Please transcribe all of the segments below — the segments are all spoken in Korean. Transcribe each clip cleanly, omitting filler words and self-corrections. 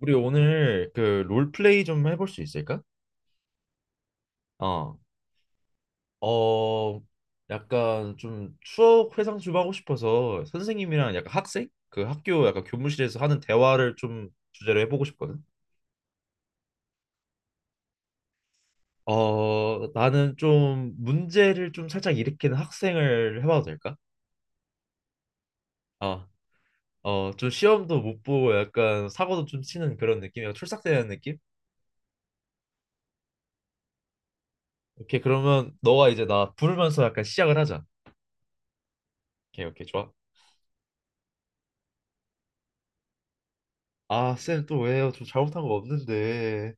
우리 오늘 그 롤플레이 좀 해볼 수 있을까? 어, 어, 약간 좀 추억 회상 좀 하고 싶어서 선생님이랑 약간 학생? 그 학교 약간 교무실에서 하는 대화를 좀 주제로 해보고 싶거든. 나는 좀 문제를 좀 살짝 일으키는 학생을 해봐도 될까? 어, 좀 시험도 못 보고 약간 사고도 좀 치는 그런 느낌이야. 출삭되는 느낌? 오케이, 그러면 너가 이제 나 부르면서 약간 시작을 하자. 오케이, 오케이, 좋아. 아, 쌤 또 왜요? 저 잘못한 거 없는데.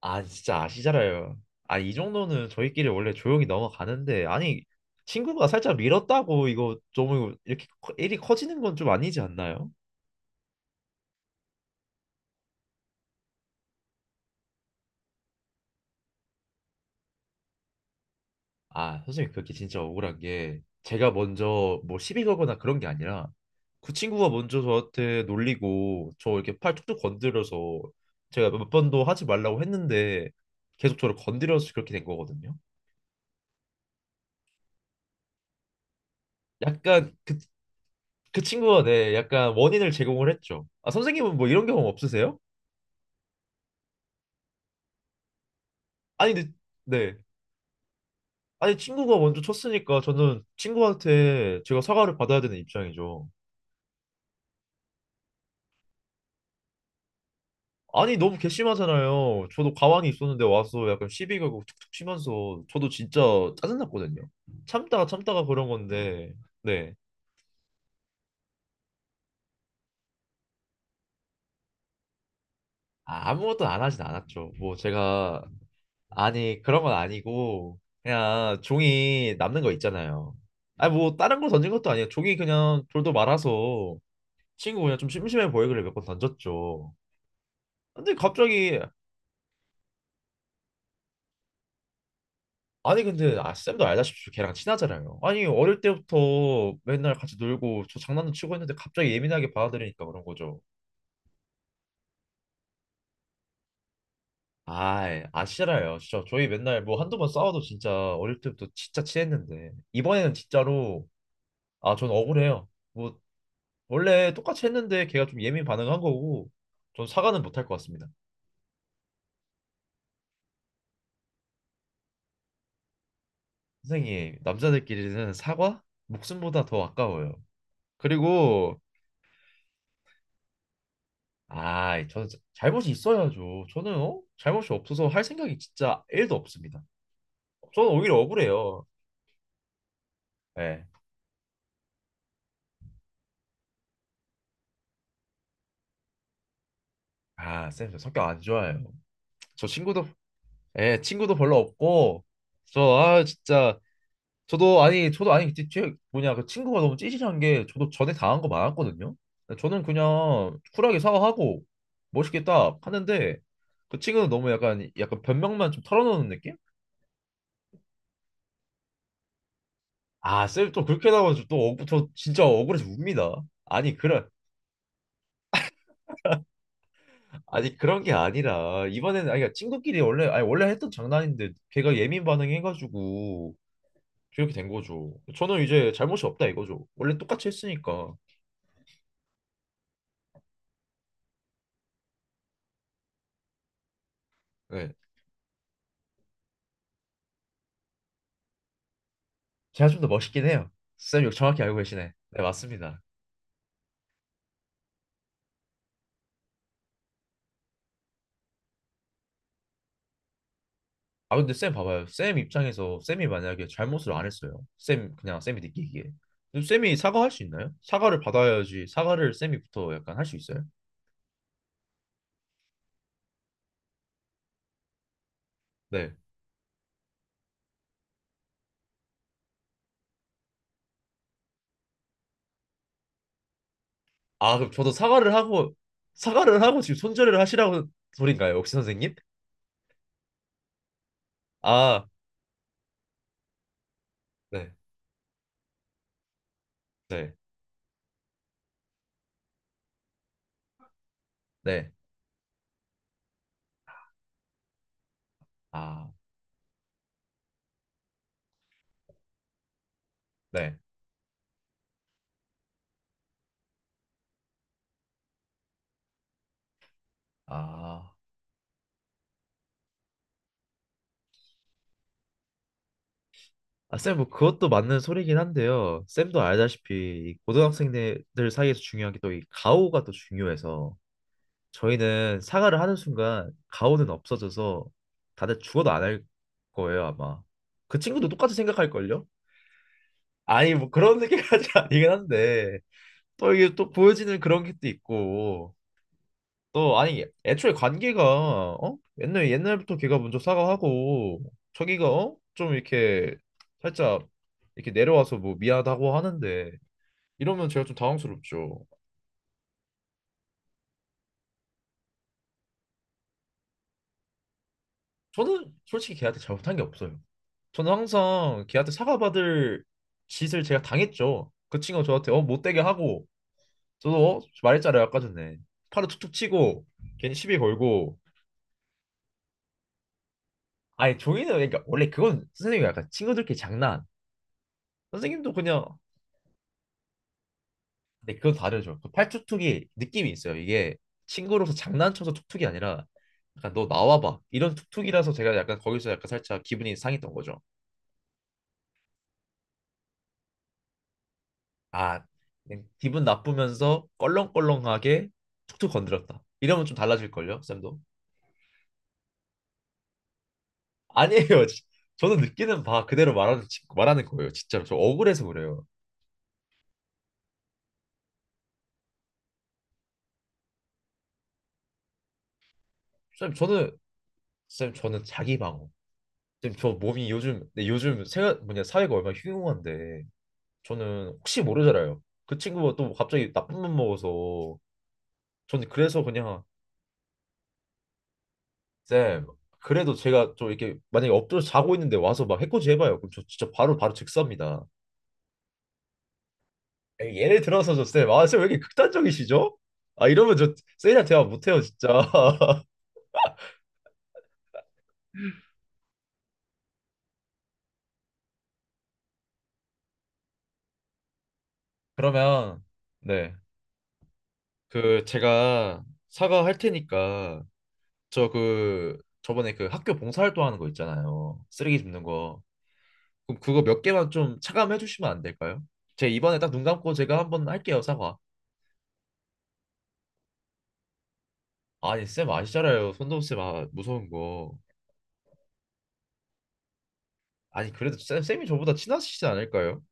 아, 진짜 아시잖아요. 아, 이 정도는 저희끼리 원래 조용히 넘어가는데. 아니, 친구가 살짝 밀었다고 이거 좀 이렇게 일이 커지는 건 좀 아니지 않나요? 아, 선생님 그게 진짜 억울한 게 제가 먼저 뭐 시비 걸거나 그런 게 아니라 그 친구가 먼저 저한테 놀리고 저 이렇게 팔 툭툭 건드려서 제가 몇 번도 하지 말라고 했는데 계속 저를 건드려서 그렇게 된 거거든요. 약간 그 친구가 네, 약간 원인을 제공을 했죠. 아, 선생님은 뭐 이런 경험 없으세요? 아니, 근데, 네. 아니, 친구가 먼저 쳤으니까 저는 친구한테 제가 사과를 받아야 되는 입장이죠. 아니, 너무 괘씸하잖아요. 저도 가만히 있었는데 와서 약간 시비 가고 툭툭 치면서 저도 진짜 짜증났거든요. 참다가 참다가 그런 건데, 네. 아, 아무것도 안 하진 않았죠. 뭐 제가 아니, 그런 건 아니고, 그냥 종이 남는 거 있잖아요. 아니, 뭐, 다른 걸 던진 것도 아니에요. 종이 그냥 돌도 말아서 친구 그냥 좀 심심해 보이길래 몇 번 던졌죠. 근데 갑자기, 아니, 근데, 아, 쌤도 알다시피 걔랑 친하잖아요. 아니, 어릴 때부터 맨날 같이 놀고 저 장난도 치고 했는데 갑자기 예민하게 받아들이니까 그런 거죠. 아이, 아, 싫어요. 진짜 저희 맨날 뭐 한두 번 싸워도 진짜 어릴 때부터 진짜 친했는데. 이번에는 진짜로, 아, 전 억울해요. 뭐 원래 똑같이 했는데 걔가 좀 예민 반응한 거고 전 사과는 못 할 것 같습니다. 선생님, 남자들끼리는 사과 목숨보다 더 아까워요. 그리고 아, 저는 잘못이 있어야죠. 저는 어? 잘못이 없어서 할 생각이 진짜 1도 없습니다. 저는 오히려 억울해요. 예. 아, 쌤, 저 성격 안 좋아요. 저 친구도 예, 친구도 별로 없고 저 아 진짜 저도 아니 그때 제 뭐냐 그 친구가 너무 찌질한 게 저도 전에 당한 거 많았거든요. 저는 그냥 쿨하게 사과하고 멋있게 딱 하는데 그 친구는 너무 약간 변명만 좀 털어놓는 느낌? 아 쌤 또 그렇게 나오면 또 저 진짜 억울해서 웁니다. 아니 그런 아니 그런 게 아니라 이번에는 아니 그러니까 친구끼리 원래 아니 원래 했던 장난인데 걔가 예민 반응해가지고 그렇게 된 거죠. 저는 이제 잘못이 없다 이거죠. 원래 똑같이 했으니까. 네. 제가 좀 더 멋있긴 해요. 쌤 이거 정확히 알고 계시네. 네, 맞습니다. 아 근데 쌤 봐봐요. 쌤 입장에서 쌤이 만약에 잘못을 안 했어요. 쌤 그냥 쌤이 느끼기에. 근데 쌤이 사과할 수 있나요? 사과를 받아야지. 사과를 쌤이부터 약간 할 수 있어요? 네. 아 그럼 저도 사과를 하고 사과를 하고 지금 손절을 하시라고 소린가요, 혹시 선생님? 아 네, 네, 네, 아 네, 아. 아, 쌤, 뭐 그것도 맞는 소리긴 한데요. 쌤도 알다시피 이 고등학생들 사이에서 중요한 게 또 이 가오가 또 중요해서 저희는 사과를 하는 순간 가오는 없어져서 다들 죽어도 안 할 거예요, 아마. 그 친구도 똑같이 생각할걸요? 아니, 뭐 그런 생각까지 아니긴 한데 또 이게 또 보여지는 그런 게 또 있고 너 아니 애초에 관계가 어? 옛날 옛날부터 걔가 먼저 사과하고 저기가 어? 좀 이렇게 살짝 이렇게 내려와서 뭐 미안하다고 하는데 이러면 제가 좀 당황스럽죠. 저는 솔직히 걔한테 잘못한 게 없어요. 저는 항상 걔한테 사과받을 짓을 제가 당했죠. 그 친구가 저한테 어 못되게 하고 저도 어? 말했잖아요 아까 전에 팔을 툭툭 치고 괜히 시비 걸고 아니 종이는 그러니까 원래 그건 선생님이 약간 친구들끼리 장난 선생님도 그냥 근데 그건 다르죠. 그 팔뚝뚝이 느낌이 있어요. 이게 친구로서 장난쳐서 툭툭이 아니라 약간 너 나와봐 이런 툭툭이라서 제가 약간 거기서 약간 살짝 기분이 상했던 거죠. 아 그냥 기분 나쁘면서 껄렁껄렁하게 툭툭 건드렸다. 이러면 좀 달라질 걸요, 쌤도? 아니에요. 저는 느끼는 바 그대로 말하는 말하는 거예요. 진짜로 저 억울해서 그래요. 쌤 저는 쌤 저는 자기 방어. 쌤 저 몸이 요즘 네, 요즘 세, 뭐냐 사회가 얼마나 흉흉한데 저는 혹시 모르잖아요. 그 친구가 또 갑자기 나쁜 맘 먹어서 저는 그래서 그냥 쌤 그래도 제가 좀 이렇게 만약에 엎드려 자고 있는데 와서 막 해코지 해봐요. 그럼 저 진짜 바로 바로 즉사입니다. 에이, 예를 들어서 저쌤아 쌤 왜 이렇게 극단적이시죠? 아 이러면 저 쌤이랑 대화 못해요 진짜. 그러면 네 그 제가 사과할 테니까 저 그 저번에 그 학교 봉사활동 하는 거 있잖아요. 쓰레기 줍는 거. 그럼 그거 몇 개만 좀 차감해 주시면 안 될까요? 제가 이번에 딱 눈 감고 제가 한번 할게요, 사과. 아니, 쌤 아시잖아요. 손동훈 쌤아 무서운 거. 아니, 그래도 쌤, 쌤이 저보다 친하시지 않을까요?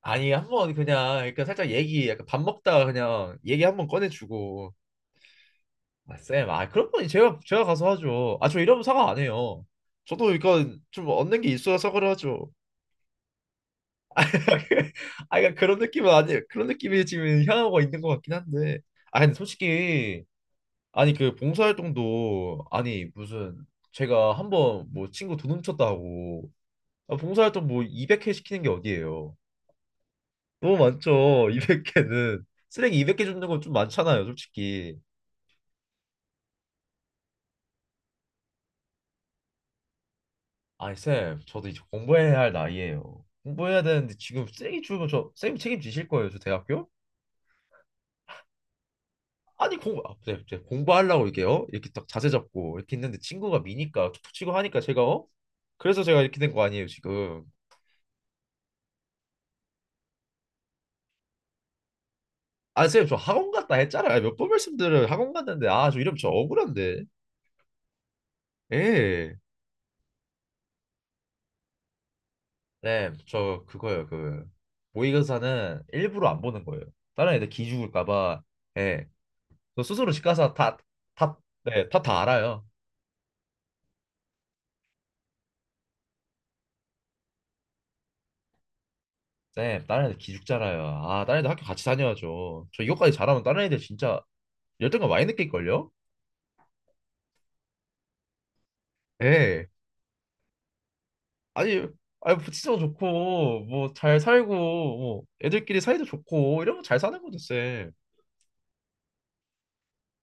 아니, 한번 그냥 그러니까 살짝 얘기 약간 밥 먹다가 그냥 얘기 한번 꺼내주고. 아, 쌤, 아 그런 건 제가 제가 가서 하죠. 아, 저 이러면 사과 안 해요. 저도 그러니까 좀 얻는 게 있어야 사과를 하죠. 아, 그러니까 그런 느낌은 아니에요. 그런 느낌이 지금 향하고 있는 것 같긴 한데. 아, 근데 솔직히 아니 그 봉사활동도 아니 무슨 제가 한번 뭐 친구 돈 훔쳤다 하고 아, 봉사활동 뭐 200회 시키는 게 어디예요? 너무 많죠. 200개는 쓰레기 200개 줍는 건 좀 많잖아요, 솔직히. 아니 쌤, 저도 이제 공부해야 할 나이예요. 공부해야 되는데 지금 쓰레기 주면 저 쌤이 책임지실 거예요, 저 대학교? 아니 공부 아, 네, 네, 공부하려고 이렇게 요 이렇게 딱 자세 잡고 이렇게 있는데 친구가 미니까 툭툭 치고 하니까 제가 어? 그래서 제가 이렇게 된 거 아니에요, 지금. 아, 선생님, 저 학원 갔다 했잖아요. 몇 번 말씀드려요. 학원 갔는데, 아, 저 이름 저 억울한데. 예. 네, 저 그거예요. 그 모의고사는 일부러 안 보는 거예요. 다른 애들 기죽을까 봐. 예. 저 스스로 집 가서 다, 다, 네, 다, 다 알아요. 네, 다른 애들 기죽잖아요. 아, 다른 애들 학교 같이 다녀야죠. 저 이것까지 잘하면 다른 애들 진짜 열등감 많이 느낄걸요? 예. 아니, 아니, 부치도 좋고, 뭐, 잘 살고, 뭐, 애들끼리 사이도 좋고, 이러면 잘 사는 거죠, 쌤.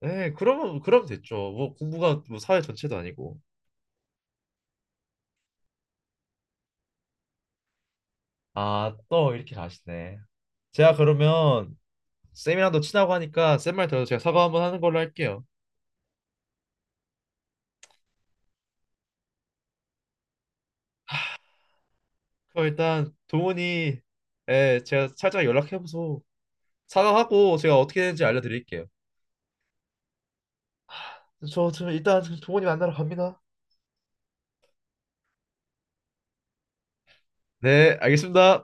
네, 그러면 그러면 됐죠. 뭐 공부가 뭐 사회 전체도 아니고. 아, 또 이렇게 가시네. 제가 그러면 쌤이랑도 친하고 하니까 쌤 말 들어서 제가 사과 한번 하는 걸로 할게요. 그럼 일단 동훈이 예, 제가 살짝 연락해보소. 사과하고 제가 어떻게 되는지 알려드릴게요. 저 일단 동훈이 만나러 갑니다. 네, 알겠습니다.